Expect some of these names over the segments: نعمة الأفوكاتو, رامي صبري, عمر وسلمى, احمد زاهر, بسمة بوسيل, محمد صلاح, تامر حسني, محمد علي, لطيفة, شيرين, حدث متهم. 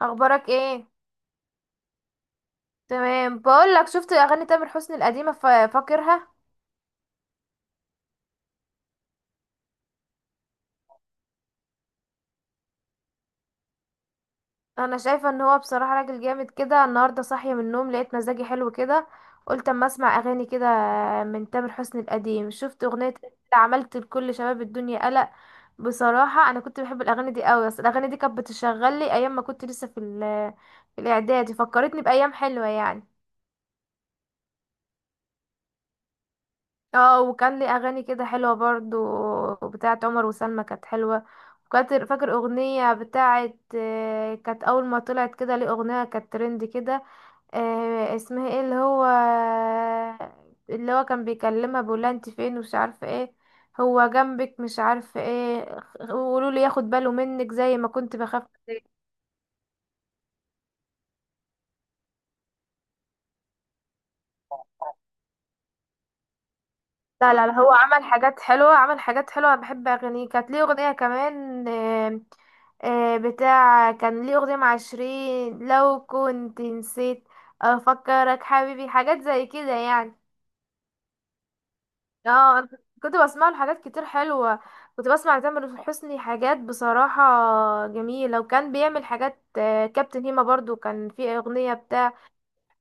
اخبارك ايه؟ تمام، بقول لك شفت اغاني تامر حسني القديمه، فاكرها. انا شايفه ان هو بصراحه راجل جامد كده. النهارده صاحيه من النوم لقيت مزاجي حلو كده، قلت اما اسمع اغاني كده من تامر حسني القديم. شفت اغنيه عملت لكل شباب الدنيا قلق. بصراحه انا كنت بحب الاغاني دي قوي، اصل الاغاني دي كانت بتشغل لي ايام ما كنت لسه في في الاعدادي، فكرتني بايام حلوه يعني. اه، وكان لي اغاني كده حلوه برضو بتاعت عمر وسلمى، كانت حلوه. وكانت فاكر اغنيه بتاعت، كانت اول ما طلعت كده ليه اغنيه كانت ترند كده، اسمها ايه؟ اللي هو كان بيكلمها بيقولها انت فين ومش عارفه ايه، هو جنبك مش عارفه ايه، قولوا لي ياخد باله منك زي ما كنت بخاف. لا لا لا، هو عمل حاجات حلوة، عمل حاجات حلوة. أنا بحب أغانيه. كانت ليه أغنية كمان، بتاع كان ليه أغنية مع شيرين، لو كنت نسيت أفكرك حبيبي، حاجات زي كده يعني. اه أنا كنت بسمع له حاجات كتير حلوة. كنت بسمع لتامر حسني حاجات بصراحة جميلة، وكان بيعمل حاجات، كابتن هيما برضو كان في أغنية بتاع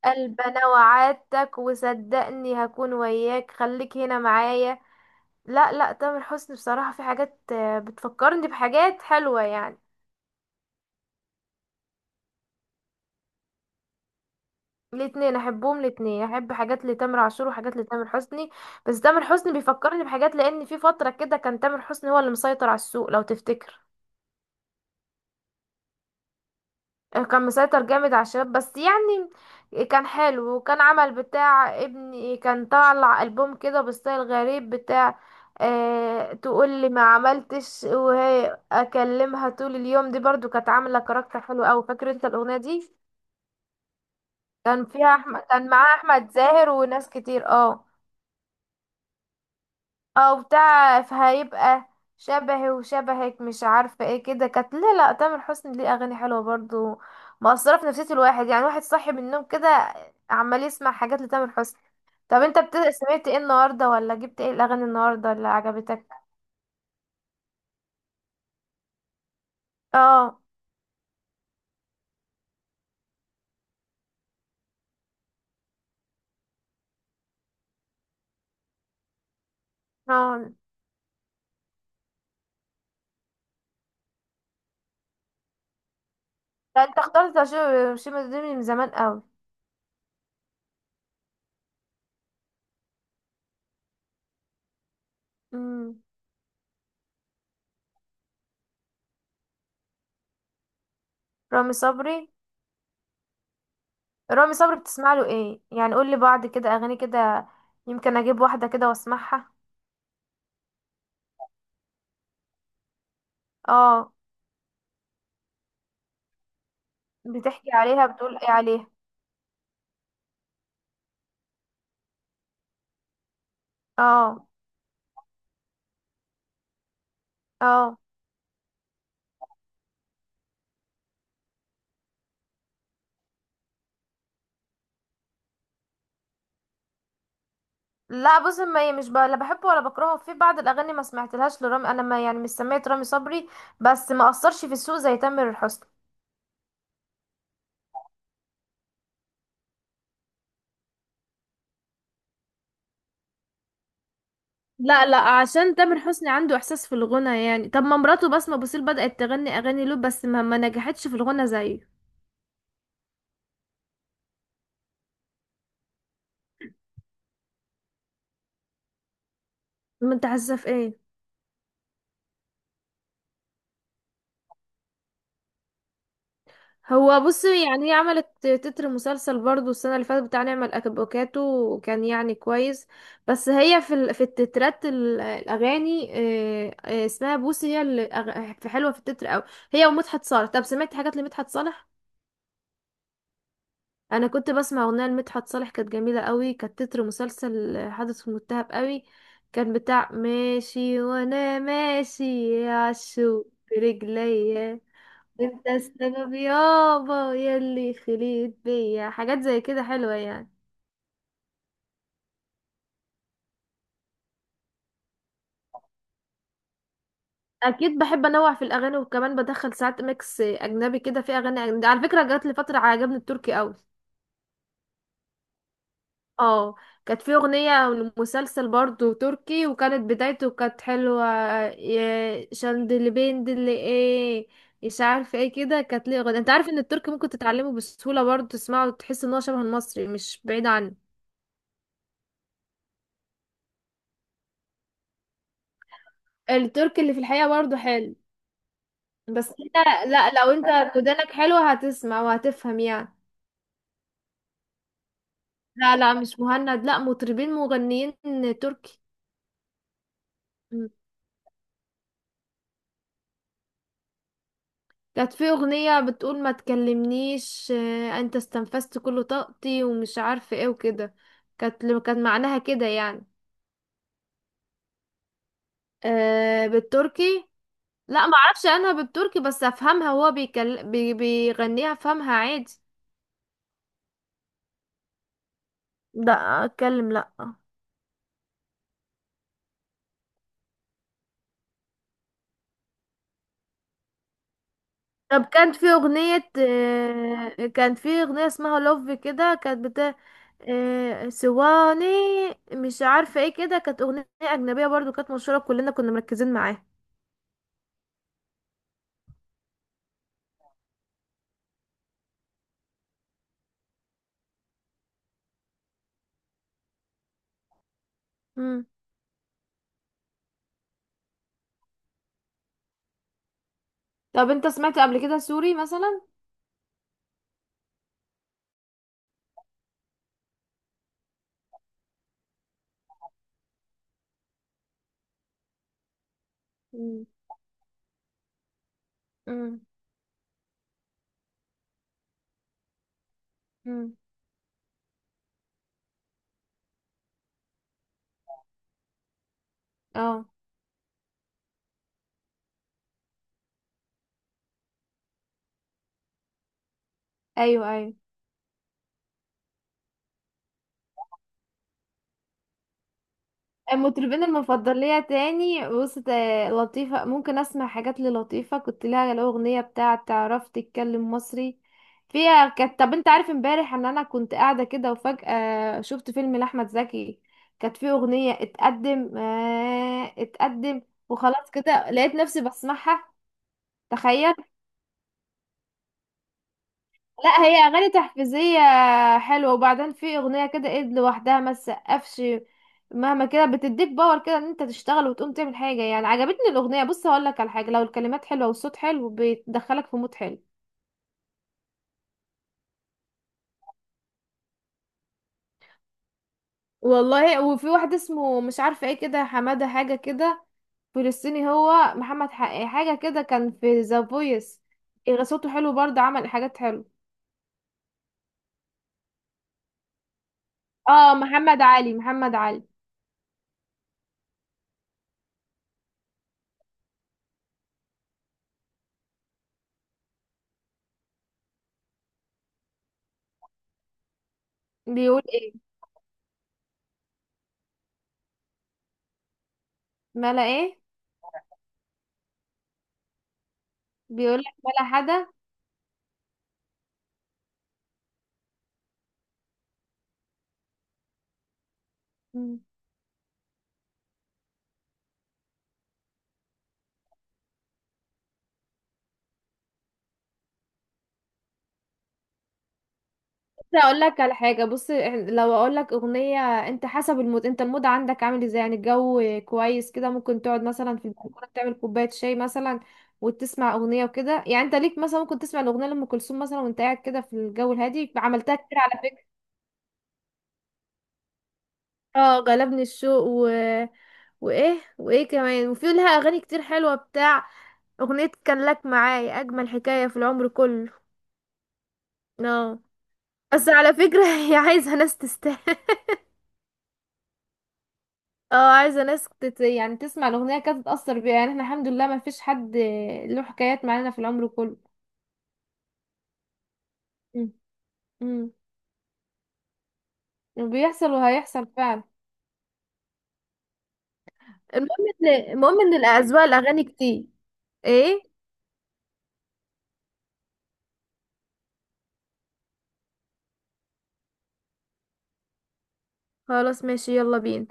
قلب أنا وعدتك وصدقني هكون وياك خليك هنا معايا. لا لا، تامر حسني بصراحة في حاجات، بتفكرني بحاجات حلوة يعني. الاتنين احبهم، الاتنين احب حاجات لتامر عاشور وحاجات لتامر حسني. بس تامر حسني بيفكرني بحاجات، لان في فترة كده كان تامر حسني هو اللي مسيطر على السوق لو تفتكر. كان مسيطر جامد على الشباب بس يعني. كان حلو، وكان عمل بتاع ابني، كان طالع ألبوم كده بستايل غريب بتاع أه تقول لي ما عملتش وهي اكلمها طول اليوم، دي برضو كانت عامله كاركتر حلو قوي، فاكر انت الاغنيه دي؟ كان فيها احمد، كان معاه احمد زاهر وناس كتير، اه. او بتاع فهيبقى شبهي وشبهك مش عارفه ايه كده كانت. لا لا، تامر حسني ليه اغاني حلوه برضو، مأثره في نفسيه الواحد يعني. واحد صاحي من النوم كده عمال يسمع حاجات لتامر حسني. طب انت سمعت ايه النهارده، ولا جبت ايه الاغاني النهارده اللي عجبتك؟ اه. اه، لا، انت اخترت شيماء دي من زمان قوي. امم، رامي صبري. رامي صبري بتسمع له ايه يعني؟ قول لي بعض كده اغاني كده، يمكن اجيب واحده كده واسمعها. اه. بتحكي عليها بتقول ايه عليها؟ اه. اه. لا، بص، ما هي مش ب... لا، بحبه ولا بكرهه. في بعض الاغاني ما سمعتلهاش لرامي، انا ما يعني مش سمعت رامي صبري، بس ما اثرش في السوق زي تامر حسني. لا لا، عشان تامر حسني عنده احساس في الغنى يعني. طب ما مراته بسمة بوسيل بدأت تغني اغاني له، بس ما نجحتش في الغنى زيه. ما انت حاسه في ايه؟ هو بص يعني، هي عملت تتر مسلسل برضو السنة اللي فاتت بتاع نعمة الأفوكاتو، وكان يعني كويس. بس هي في في التترات، الأغاني، اسمها بوسي هي اللي في حلوة في التتر أوي. هي ومدحت صالح. طب سمعت حاجات لمدحت صالح؟ أنا كنت بسمع أغنية لمدحت صالح كانت جميلة أوي، كانت تتر مسلسل حدث متهم أوي، كان بتاع ماشي وأنا ماشي عالشوق برجليا، انت السبب يابا يلي خليت بيا حاجات زي كده حلوة يعني. اكيد بحب انوع في الاغاني، وكمان بدخل ساعات ميكس اجنبي كده في اغاني أجنبي. على فكرة جات لي فترة عجبني التركي قوي. اه، كانت في اغنية لمسلسل برضو تركي، وكانت بدايته كانت حلوة. يا شندلي بين دلي ايه، مش عارفة ايه كده، كانت ليه اغنية. انت عارف ان التركي ممكن تتعلمه بسهولة برضو؟ تسمعه وتحس ان هو شبه المصري، مش بعيد عنه. التركي اللي في الحقيقة برضو حلو. بس انت، لا، لو انت ودانك حلوة هتسمع وهتفهم يعني. لا لا، مش مهند، لا، مطربين مغنيين تركي. مم. كانت في اغنية بتقول ما تكلمنيش، انت استنفذت كل طاقتي ومش عارفة ايه وكده. كانت معناها كده يعني. أه، بالتركي. لا ما اعرفش عنها بالتركي، بس افهمها، وهو بيغنيها افهمها عادي. لا، اتكلم لا. طب كانت في أغنية، كانت في أغنية اسمها لوف كده، كانت بتاع سواني مش عارفة ايه كده، كانت أغنية أجنبية برضو كانت مشهورة، كلنا كنا مركزين معاها. مم. طب انت سمعت قبل كده سوري مثلا؟ مم. مم. مم. اه، ايوه ايوه. المطربين المفضل ليا تاني بص، لطيفة ممكن اسمع حاجات للطيفة. كنت لها الأغنية بتاعة تعرف تتكلم مصري فيها، كانت. طب انت عارف امبارح ان انا كنت قاعدة كده وفجأة شفت فيلم لأحمد زكي؟ كانت فيه أغنية اتقدم، آه اتقدم. وخلاص كده لقيت نفسي بسمعها، تخيل. لا، هي اغاني تحفيزيه حلوه. وبعدين في اغنيه كده، ايد لوحدها ما تسقفش مهما كده، بتديك باور كده ان انت تشتغل وتقوم تعمل حاجه يعني. عجبتني الاغنيه. بص هقول لك على حاجه، لو الكلمات حلوه والصوت حلو بيدخلك في مود حلو. والله. وفي واحد اسمه مش عارفه ايه كده، حماده حاجه كده، فلسطيني هو، محمد حاجه كده، كان في ذا فويس. صوته حلو برضه، عمل حاجات حلوه. اه، محمد علي، محمد علي. بيقول ايه؟ ملا ايه؟ بيقول لك ملا حدا. بس اقول لك على حاجه، بص لو اقول لك اغنيه، انت حسب المود، انت المود عندك عامل ازاي يعني. الجو كويس كده، ممكن تقعد مثلا في البلكونه تعمل كوبايه شاي مثلا وتسمع اغنيه وكده يعني. انت ليك مثلا، ممكن تسمع الاغنيه لام كلثوم مثلا وانت قاعد كده في الجو الهادي، عملتها كتير على فكره. اه غلبني الشوق و... وايه وايه كمان. وفي لها اغاني كتير حلوه بتاع اغنيه كان لك معايا اجمل حكايه في العمر كله. اه. بس على فكره هي عايزه ناس تستاهل. اه، عايزه ناس يعني تسمع الاغنيه كده تتاثر بيها يعني. احنا الحمد لله ما فيش حد له حكايات معانا في العمر كله. مم. امم. وبيحصل وهيحصل فعلا. المهم، ان الاذواق الاغاني كتير. ايه؟ خلاص ماشي، يلا بينا.